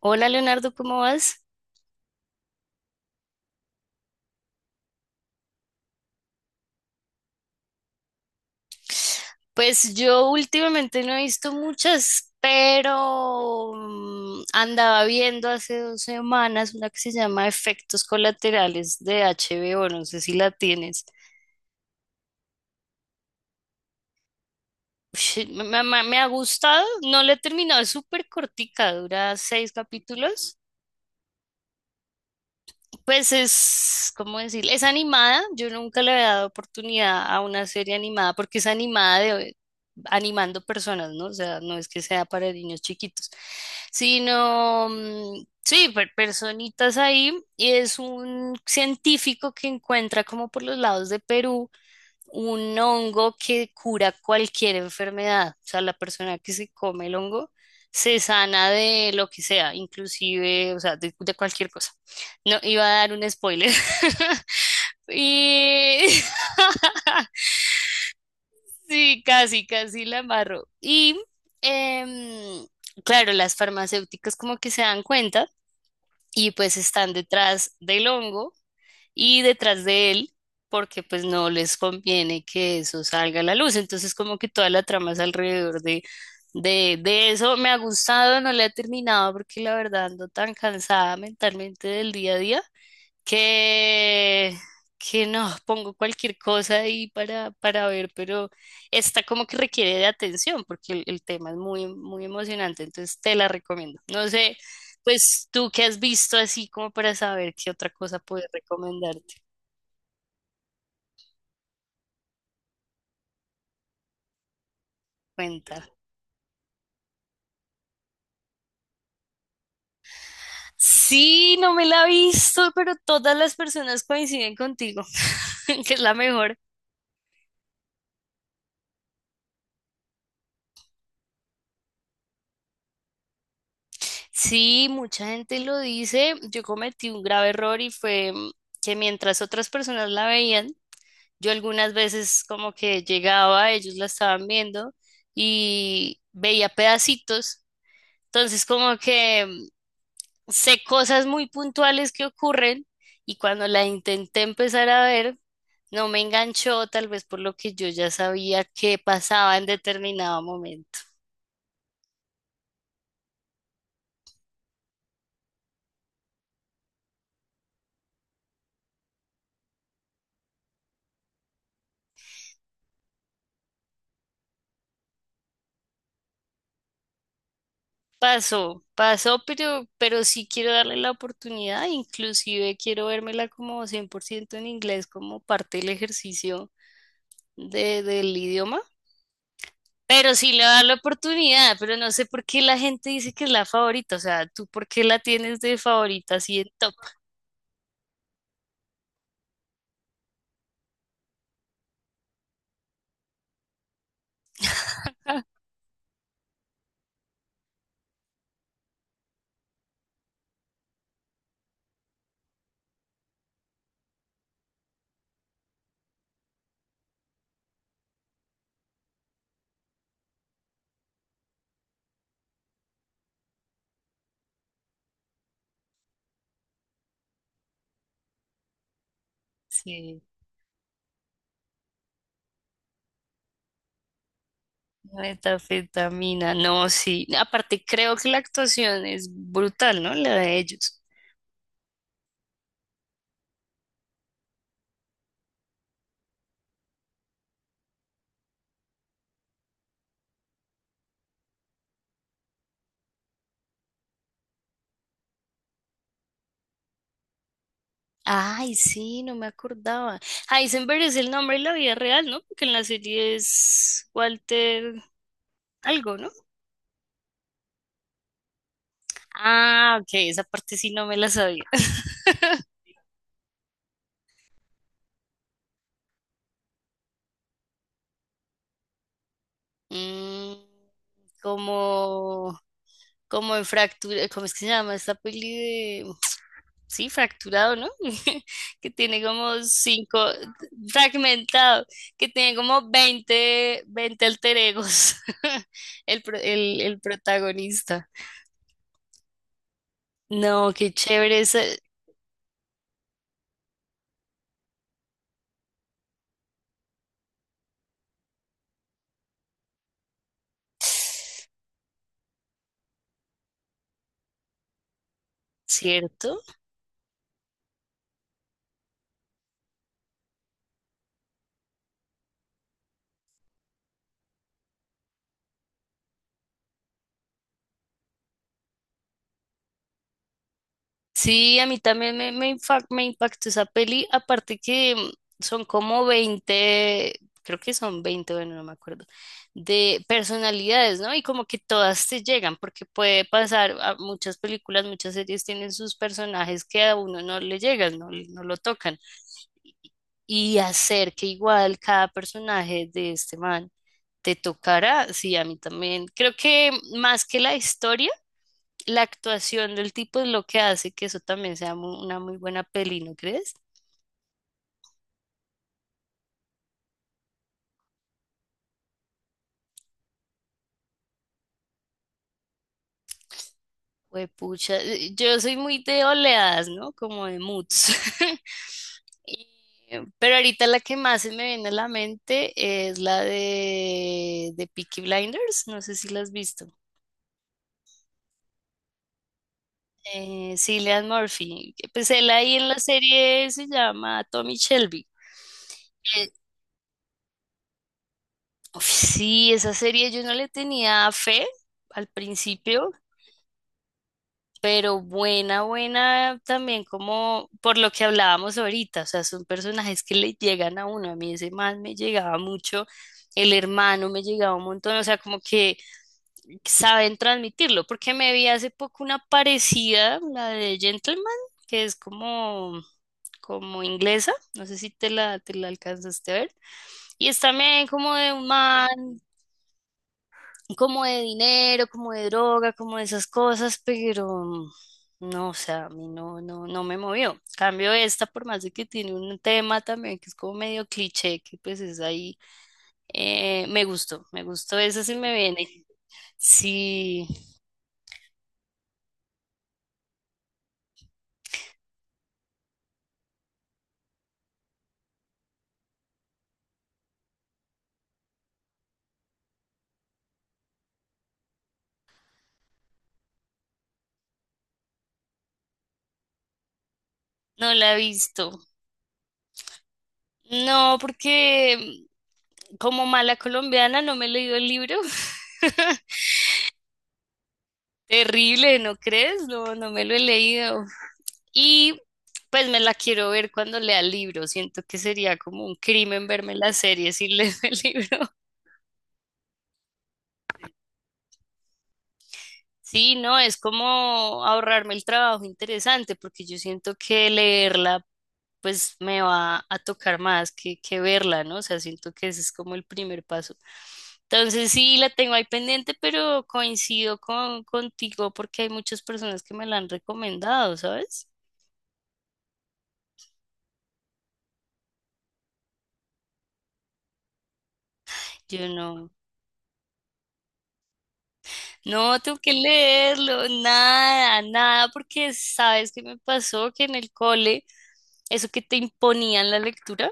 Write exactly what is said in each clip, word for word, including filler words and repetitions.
Hola Leonardo, ¿cómo vas? Pues yo últimamente no he visto muchas, pero mm, andaba viendo hace dos semanas una que se llama Efectos Colaterales de H B O, no sé si la tienes. Ush, me, me- me ha gustado, no la he terminado, es súper cortica, dura seis capítulos. Pues es, ¿cómo decir? Es animada. Yo nunca le había dado oportunidad a una serie animada porque es animada de animando personas, ¿no? O sea, no es que sea para niños chiquitos, sino, mm, sí, per- personitas ahí. Y es un científico que encuentra como por los lados de Perú un hongo que cura cualquier enfermedad. O sea, la persona que se come el hongo se sana de lo que sea, inclusive, o sea, de, de cualquier cosa. No, iba a dar un spoiler. Y sí, casi, casi la amarro. Y em, claro, las farmacéuticas como que se dan cuenta y pues están detrás del hongo y detrás de él, porque pues no les conviene que eso salga a la luz. Entonces como que toda la trama es alrededor de, de, de eso. Me ha gustado, no la he terminado porque la verdad ando tan cansada mentalmente del día a día que, que no, pongo cualquier cosa ahí para, para ver, pero esta como que requiere de atención porque el, el tema es muy, muy emocionante, entonces te la recomiendo. No sé, pues tú qué has visto así como para saber qué otra cosa puedes recomendarte. Cuenta. Sí, no me la he visto, pero todas las personas coinciden contigo, que es la mejor. Sí, mucha gente lo dice. Yo cometí un grave error y fue mm, que mientras otras personas la veían, yo algunas veces como que llegaba, ellos la estaban viendo y veía pedacitos. Entonces como que mm, sé cosas muy puntuales que ocurren y cuando la intenté empezar a ver, no me enganchó, tal vez por lo que yo ya sabía que pasaba en determinado momento. Pasó, pasó, pero, pero sí quiero darle la oportunidad, inclusive quiero vérmela como cien por ciento en inglés como parte del ejercicio de, del idioma. Pero sí le da la oportunidad, pero no sé por qué la gente dice que es la favorita. O sea, ¿tú por qué la tienes de favorita así en top? Sí, metafetamina, no, sí. Aparte, creo que la actuación es brutal, ¿no? La de ellos. Ay, sí, no me acordaba. Heisenberg es el nombre en la vida real, ¿no? Porque en la serie es Walter algo, ¿no? Ah, ok, esa parte sí no me la sabía. Mm, como como en fractura, ¿cómo es que se llama esta peli de Sí, fracturado, ¿no? Que tiene como cinco, fragmentado, que tiene como veinte veinte alter egos, el, pro- el, el protagonista. No, qué chévere es, ¿cierto? Sí, a mí también me, me, infa- me impactó esa peli, aparte que mm, son como veinte, creo que son veinte, bueno, no me acuerdo, de personalidades, ¿no? Y como que todas te llegan, porque puede pasar, a muchas películas, muchas series tienen sus personajes que a uno no le llegan, no, no lo tocan. Y hacer que igual cada personaje de este man te tocará, sí, a mí también. Creo que mm, más que la historia, la actuación del tipo es lo que hace que eso también sea mu- una muy buena peli, ¿no crees? Pucha, eh, yo soy muy de oleadas, ¿no? Como de moods. Y- Pero ahorita la que más se me viene a la mente es la de, de Peaky Blinders, no sé si la has visto. Eh, Cillian Murphy, que, pues él ahí en la serie se llama Tommy Shelby. Eh, uf, sí, esa serie yo no le tenía fe al principio. Pero buena, buena también como por lo que hablábamos ahorita, o sea, son personajes que le llegan a uno, a mí ese man me llegaba mucho, el hermano me llegaba un montón, o sea, como que saben transmitirlo, porque me vi hace poco una parecida, la de Gentleman, que es como, como inglesa, no sé si te la, te la alcanzaste a ver, y es también como de un man como de dinero, como de droga, como de esas cosas, pero no, o sea, a mí no, no, no me movió. Cambio esta, por más de que tiene un tema también que es como medio cliché, que pues es ahí, eh, me gustó, me gustó esa, sí me viene. Sí, no la he visto. No, porque como mala colombiana no me he leído el libro. Terrible, ¿no crees? No, no me lo he leído. Y pues me la quiero ver cuando lea el libro. Siento que sería como un crimen verme la serie sin leer el libro. Sí, no, es como ahorrarme el trabajo interesante, porque yo siento que leerla pues me va a tocar más que, que verla, ¿no? O sea, siento que ese es como el primer paso. Entonces sí, la tengo ahí pendiente, pero coincido con, contigo porque hay muchas personas que me la han recomendado, ¿sabes? Yo no. No, tengo que leerlo, nada, nada, porque sabes qué me pasó que en el cole, eso que te imponían la lectura,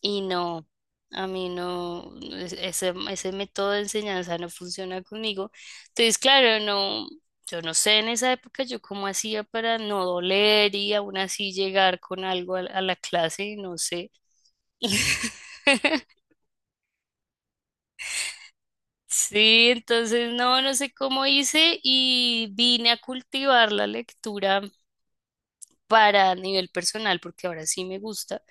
y no, a mí no, es- ese, ese método de enseñanza no funciona conmigo. Entonces, claro, no, yo no sé en esa época yo cómo hacía para no doler y aún así llegar con algo a, la a la clase, no sé. Sí, entonces no, no sé cómo hice y vine a cultivar la lectura para nivel personal, porque ahora sí me gusta,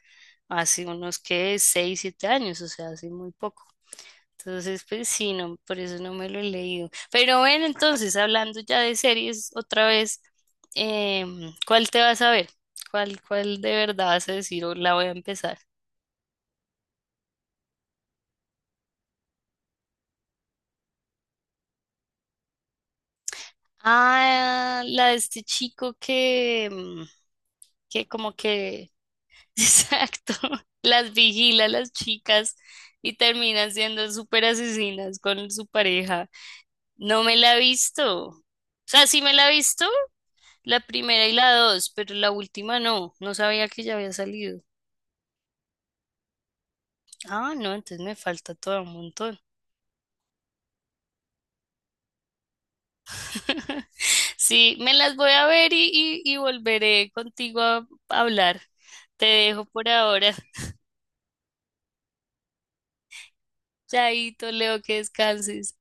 hace unos que seis siete años, o sea, hace muy poco. Entonces, pues sí, no, por eso no me lo he leído. Pero bueno, entonces, hablando ya de series otra vez, em, ¿cuál te vas a ver? ¿Cuál, cuál de verdad vas a decir o la voy a empezar? Ah, la de este chico que, mm, que, como que, exacto, las vigila a las chicas y terminan siendo súper asesinas con su pareja. No me la he visto. O sea, sí me la he visto, la primera y la dos, pero la última no. No sabía que ya había salido. Ah, no, entonces me falta todo un montón. Sí, me las voy a ver y, y- y volveré contigo a hablar. Te dejo por ahora. Chaito, Leo, que descanses.